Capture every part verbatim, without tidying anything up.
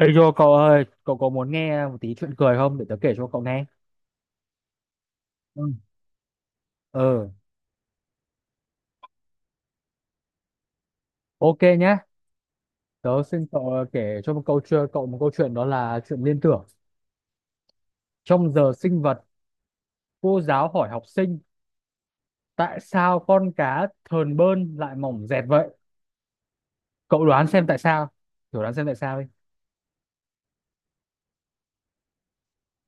Ê Yo cậu ơi, cậu có muốn nghe một tí chuyện cười không để tớ kể cho cậu nghe? Ừ. Ừ, ok nhá. Tớ xin cậu ờ, kể cho một câu chuyện, cậu một câu chuyện đó là chuyện liên tưởng. Trong giờ sinh vật, cô giáo hỏi học sinh tại sao con cá thờn bơn lại mỏng dẹt vậy? Cậu đoán xem tại sao? Thử đoán xem tại sao đi.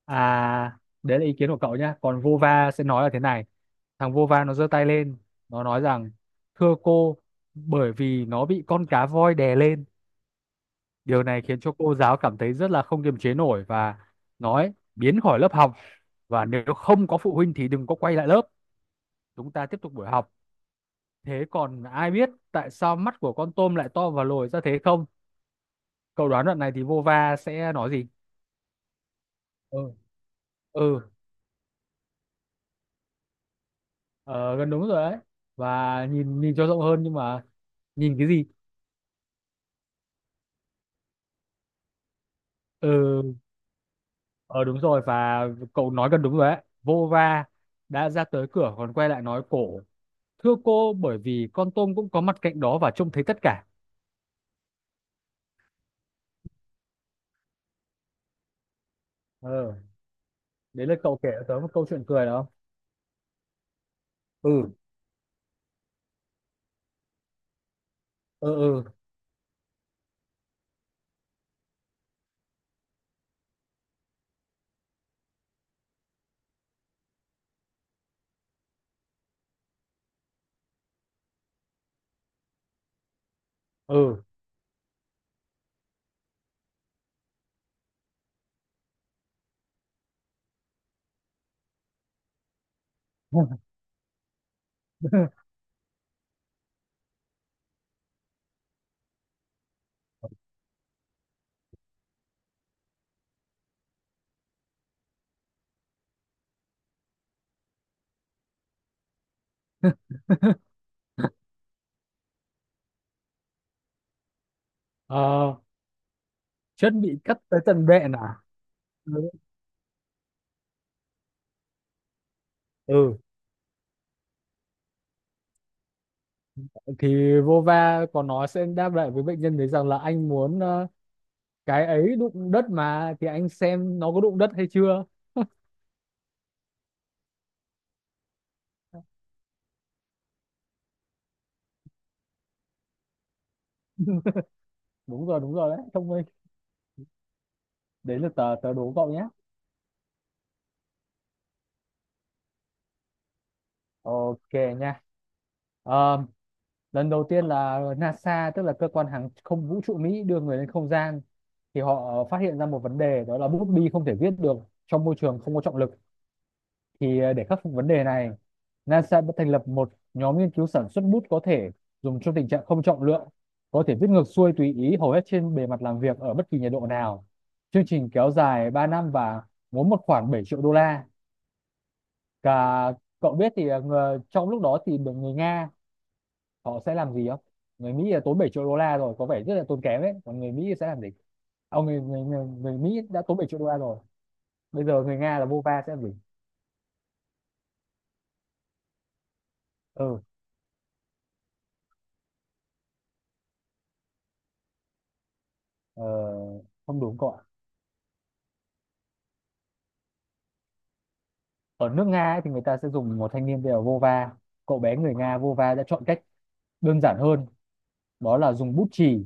À, đấy là ý kiến của cậu nhá. Còn Vova sẽ nói là thế này. Thằng Vova nó giơ tay lên, nó nói rằng thưa cô, bởi vì nó bị con cá voi đè lên. Điều này khiến cho cô giáo cảm thấy rất là không kiềm chế nổi và nói biến khỏi lớp học, và nếu không có phụ huynh thì đừng có quay lại lớp. Chúng ta tiếp tục buổi học. Thế còn ai biết tại sao mắt của con tôm lại to và lồi ra thế không? Cậu đoán đoạn này thì Vova sẽ nói gì? Ừ, ừ, ờ, gần đúng rồi đấy. Và nhìn nhìn cho rộng hơn, nhưng mà nhìn cái gì? Ừ, ờ đúng rồi, và cậu nói gần đúng rồi đấy. Vova đã ra tới cửa còn quay lại nói cổ. Thưa cô, bởi vì con tôm cũng có mặt cạnh đó và trông thấy tất cả. ờ Đấy là cậu kể cho tớ một câu chuyện cười đó. Ừ, ừ, ừ, ừ. Ờ, chân bị cắt tới tận bẹn à? Ừ. Ừ, thì Vova có nói sẽ đáp lại với bệnh nhân đấy rằng là anh muốn ờ, cái ấy đụng đất mà, thì anh xem nó có đụng đất hay chưa. Đúng rồi, đúng rồi đấy, thông minh. Đấy là tớ tớ đố cậu nhé. Ok nha. Ờ, Lần đầu tiên là NASA, tức là cơ quan hàng không vũ trụ Mỹ, đưa người lên không gian thì họ phát hiện ra một vấn đề, đó là bút bi không thể viết được trong môi trường không có trọng lực. Thì ờ, để khắc phục vấn đề này, NASA đã thành lập một nhóm nghiên cứu sản xuất bút có thể dùng trong tình trạng không trọng lượng, có thể viết ngược xuôi tùy ý hầu hết trên bề mặt làm việc ở bất kỳ nhiệt độ nào. Chương trình kéo dài ba năm và muốn một khoảng bảy triệu đô la cả. Cậu biết thì ờ, ngờ- trong lúc đó thì được người Nga họ sẽ làm gì không? Người Mỹ là tốn bảy triệu đô la rồi, có vẻ rất là tốn kém ấy, còn người Mỹ sẽ làm gì? Ông người, người, người, người Mỹ đã tốn bảy triệu đô la rồi, bây giờ người Nga là vô va sẽ làm gì? Ừ, ờ, không đúng cậu ạ. Ở nước Nga ấy, thì người ta sẽ dùng một thanh niên tên là vô va. Cậu bé người Nga vô va đã chọn cách đơn giản hơn, đó là dùng bút chì,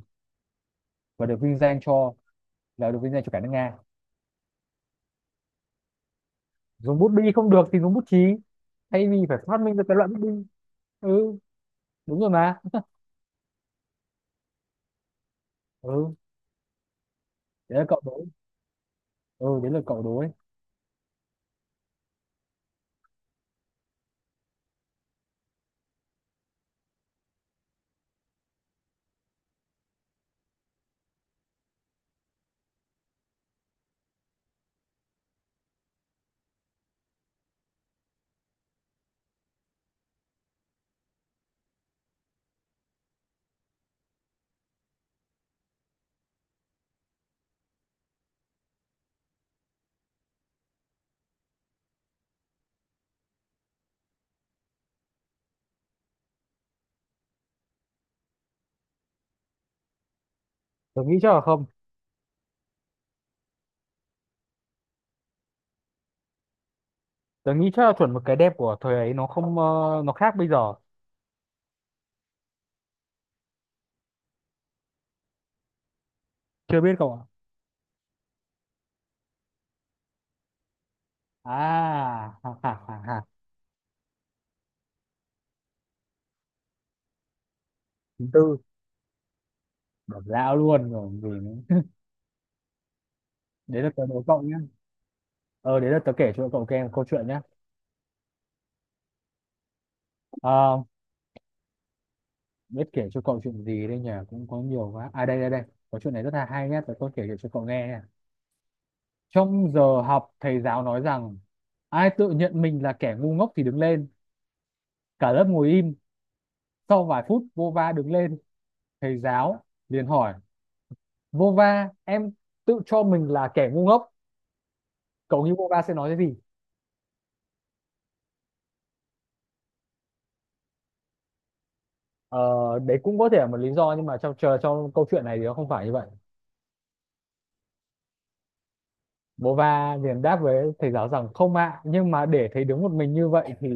và được vinh danh cho, là được vinh danh cho cả nước Nga. Dùng bút bi không được thì dùng bút chì, thay vì phải phát minh ra cái loại bút bi. Ừ, đúng rồi mà. Ừ, đấy là cậu đối. Ừ, đấy là cậu đối. Tôi nghĩ chắc là không. Tớ nghĩ chắc là chuẩn một cái đẹp của thời ấy nó không, ờ, nó khác bây giờ. Chưa biết cậu ạ. À, ha ha ha ha. Thứ tư, bỏ dao luôn rồi còn gì nữa. Đấy là tớ đố cậu nhé. Ờ, Đấy là tớ kể cho cậu nghe một câu chuyện nhé. Ờ, Biết kể cho cậu chuyện gì đây nhỉ? Cũng có nhiều quá. À, đây đây đây. Có chuyện này rất là hay nhé. Tớ có kể cho cậu nghe nhé. Trong giờ học, thầy giáo nói rằng ai tự nhận mình là kẻ ngu ngốc thì đứng lên. Cả lớp ngồi im. Sau vài phút vô va đứng lên, thầy giáo liền hỏi Vova em tự cho mình là kẻ ngu ngốc, cậu nghĩ Vova sẽ nói cái gì? ờ, Đấy cũng có thể là một lý do, nhưng mà trong chờ trong câu chuyện này thì nó không phải như vậy. Vova liền đáp với thầy giáo rằng không ạ, nhưng mà để thầy đứng một mình như vậy thì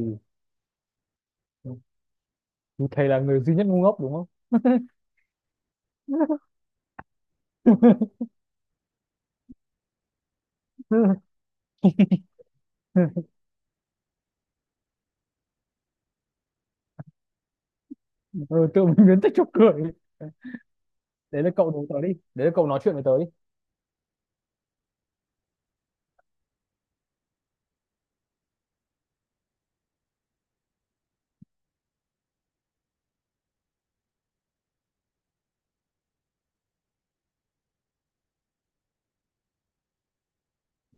thì thầy là người duy nhất ngu ngốc đúng không? Ừ, tự mình biến tích cho cười. Đấy là cậu nói tớ đi đấy là cậu nói chuyện với tớ đi.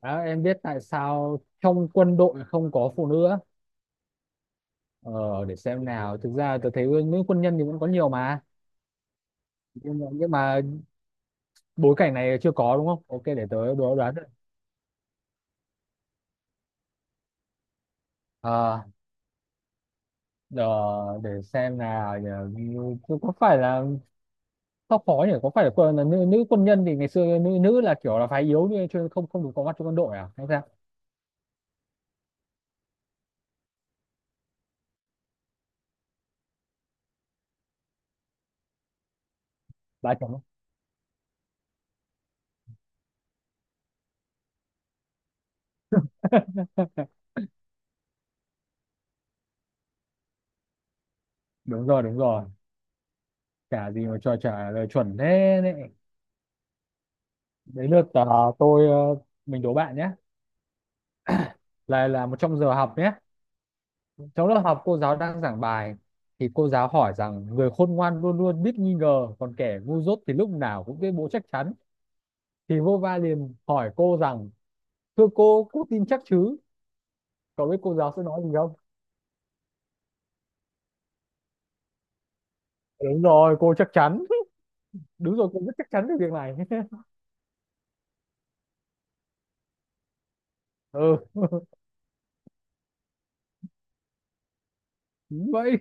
Đó, em biết tại sao trong quân đội không có phụ nữ á? ờ, để xem nào, thực ra tớ thấy nữ quân nhân thì vẫn có nhiều mà, nhưng mà, nhưng mà bối cảnh này chưa có đúng không, ok để tớ đố đoán được. À, ờ, để xem nào nhờ, có phải là, sao khó nhỉ, có phải là, quân- là nữ, nữ quân nhân thì ngày xưa nữ nữ là kiểu là phái yếu như chưa, không không được có mặt trong quân đội à hay sao? Bà chấm. Đúng rồi, đúng rồi, chả gì mà cho trả lời chuẩn thế đấy. Đấy lượt, ờ, tôi ờ, mình đố bạn nhé, là là một trong giờ học nhé. Trong lớp học cô giáo đang giảng bài, thì cô giáo hỏi rằng người khôn ngoan luôn luôn biết nghi ngờ, còn kẻ ngu dốt thì lúc nào cũng tuyên bố chắc chắn. Thì Vova liền hỏi cô rằng thưa cô cô tin chắc chứ? Cậu biết cô giáo sẽ nói gì không? Đúng rồi, cô chắc chắn. Đúng rồi, cô rất chắc chắn về việc này. Ừ, đúng vậy.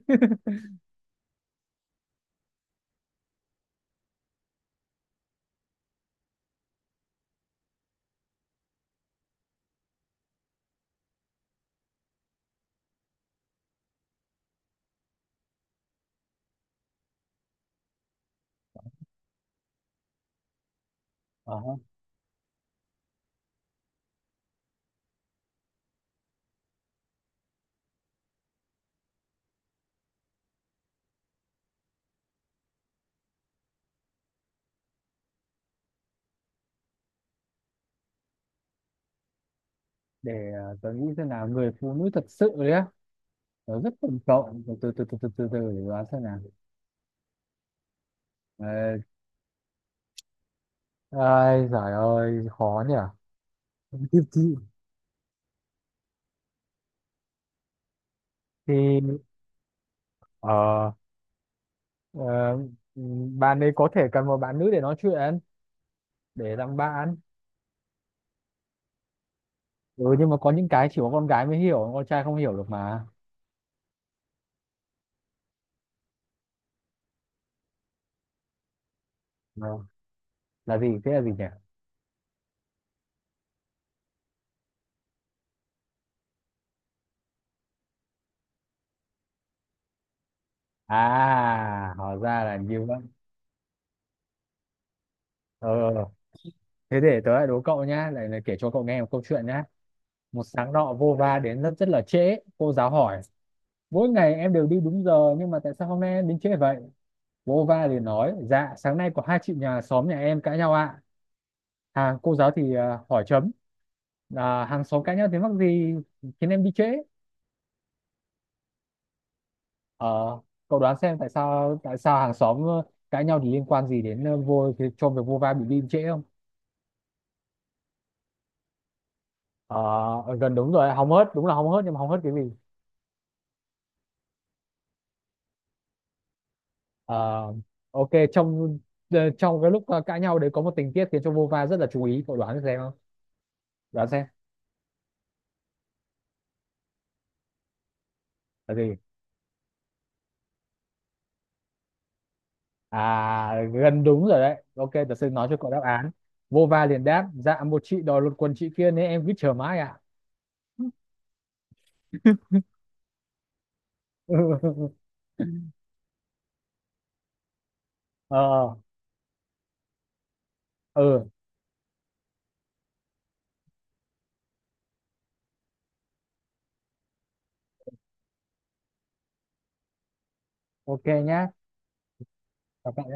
Ờ, để ờ, tớ nghĩ xem nào, người phụ nữ thật sự đấy á, tớ rất cần cậu, từ từ từ từ từ từ, từ để đoán xem nào. Ờ, Ai giời ơi khó nhỉ. thì thì thì, ờ, ờ, Bạn ấy có thể cần một bạn nữ để nói chuyện, để làm bạn. Ừ, nhưng mà có những cái chỉ có con gái mới hiểu, con trai không hiểu được mà. Ờ, là gì thế, là gì nhỉ? À, hóa ra là như vậy. ờ Thế để tớ lại đố cậu nhá, lại lại kể cho cậu nghe một câu chuyện nhá. Một sáng nọ vô va đến rất rất là trễ, cô giáo hỏi mỗi ngày em đều đi đúng giờ nhưng mà tại sao hôm nay em đến trễ vậy? Vô va liền nói dạ sáng nay có hai chị nhà xóm nhà em cãi nhau ạ. À cô giáo thì à, hỏi chấm, à, hàng xóm cãi nhau tiếng mắc gì khiến em đi trễ? ờ Cậu đoán xem tại sao, tại sao hàng xóm ờ, cãi nhau thì liên quan gì đến ờ, vô cho việc vô va bị đi trễ không? Ờ, gần đúng rồi, hóng hớt đúng là hóng hớt, nhưng mà hóng hớt cái gì? Ờ, ok, trong ờ, trong cái lúc ờ, cãi nhau đấy có một tình tiết khiến cho Vova rất là chú ý, cậu đoán xem không? Đoán xem là gì. À, gần đúng rồi đấy, ok tớ sẽ nói cho cậu đáp án. Vova liền đáp dạ một chị đòi lột quần chị kia nên em cứ chờ mãi ạ. ờ ừ, ok nhá. Chào cậu nhé,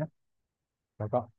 chào cậu.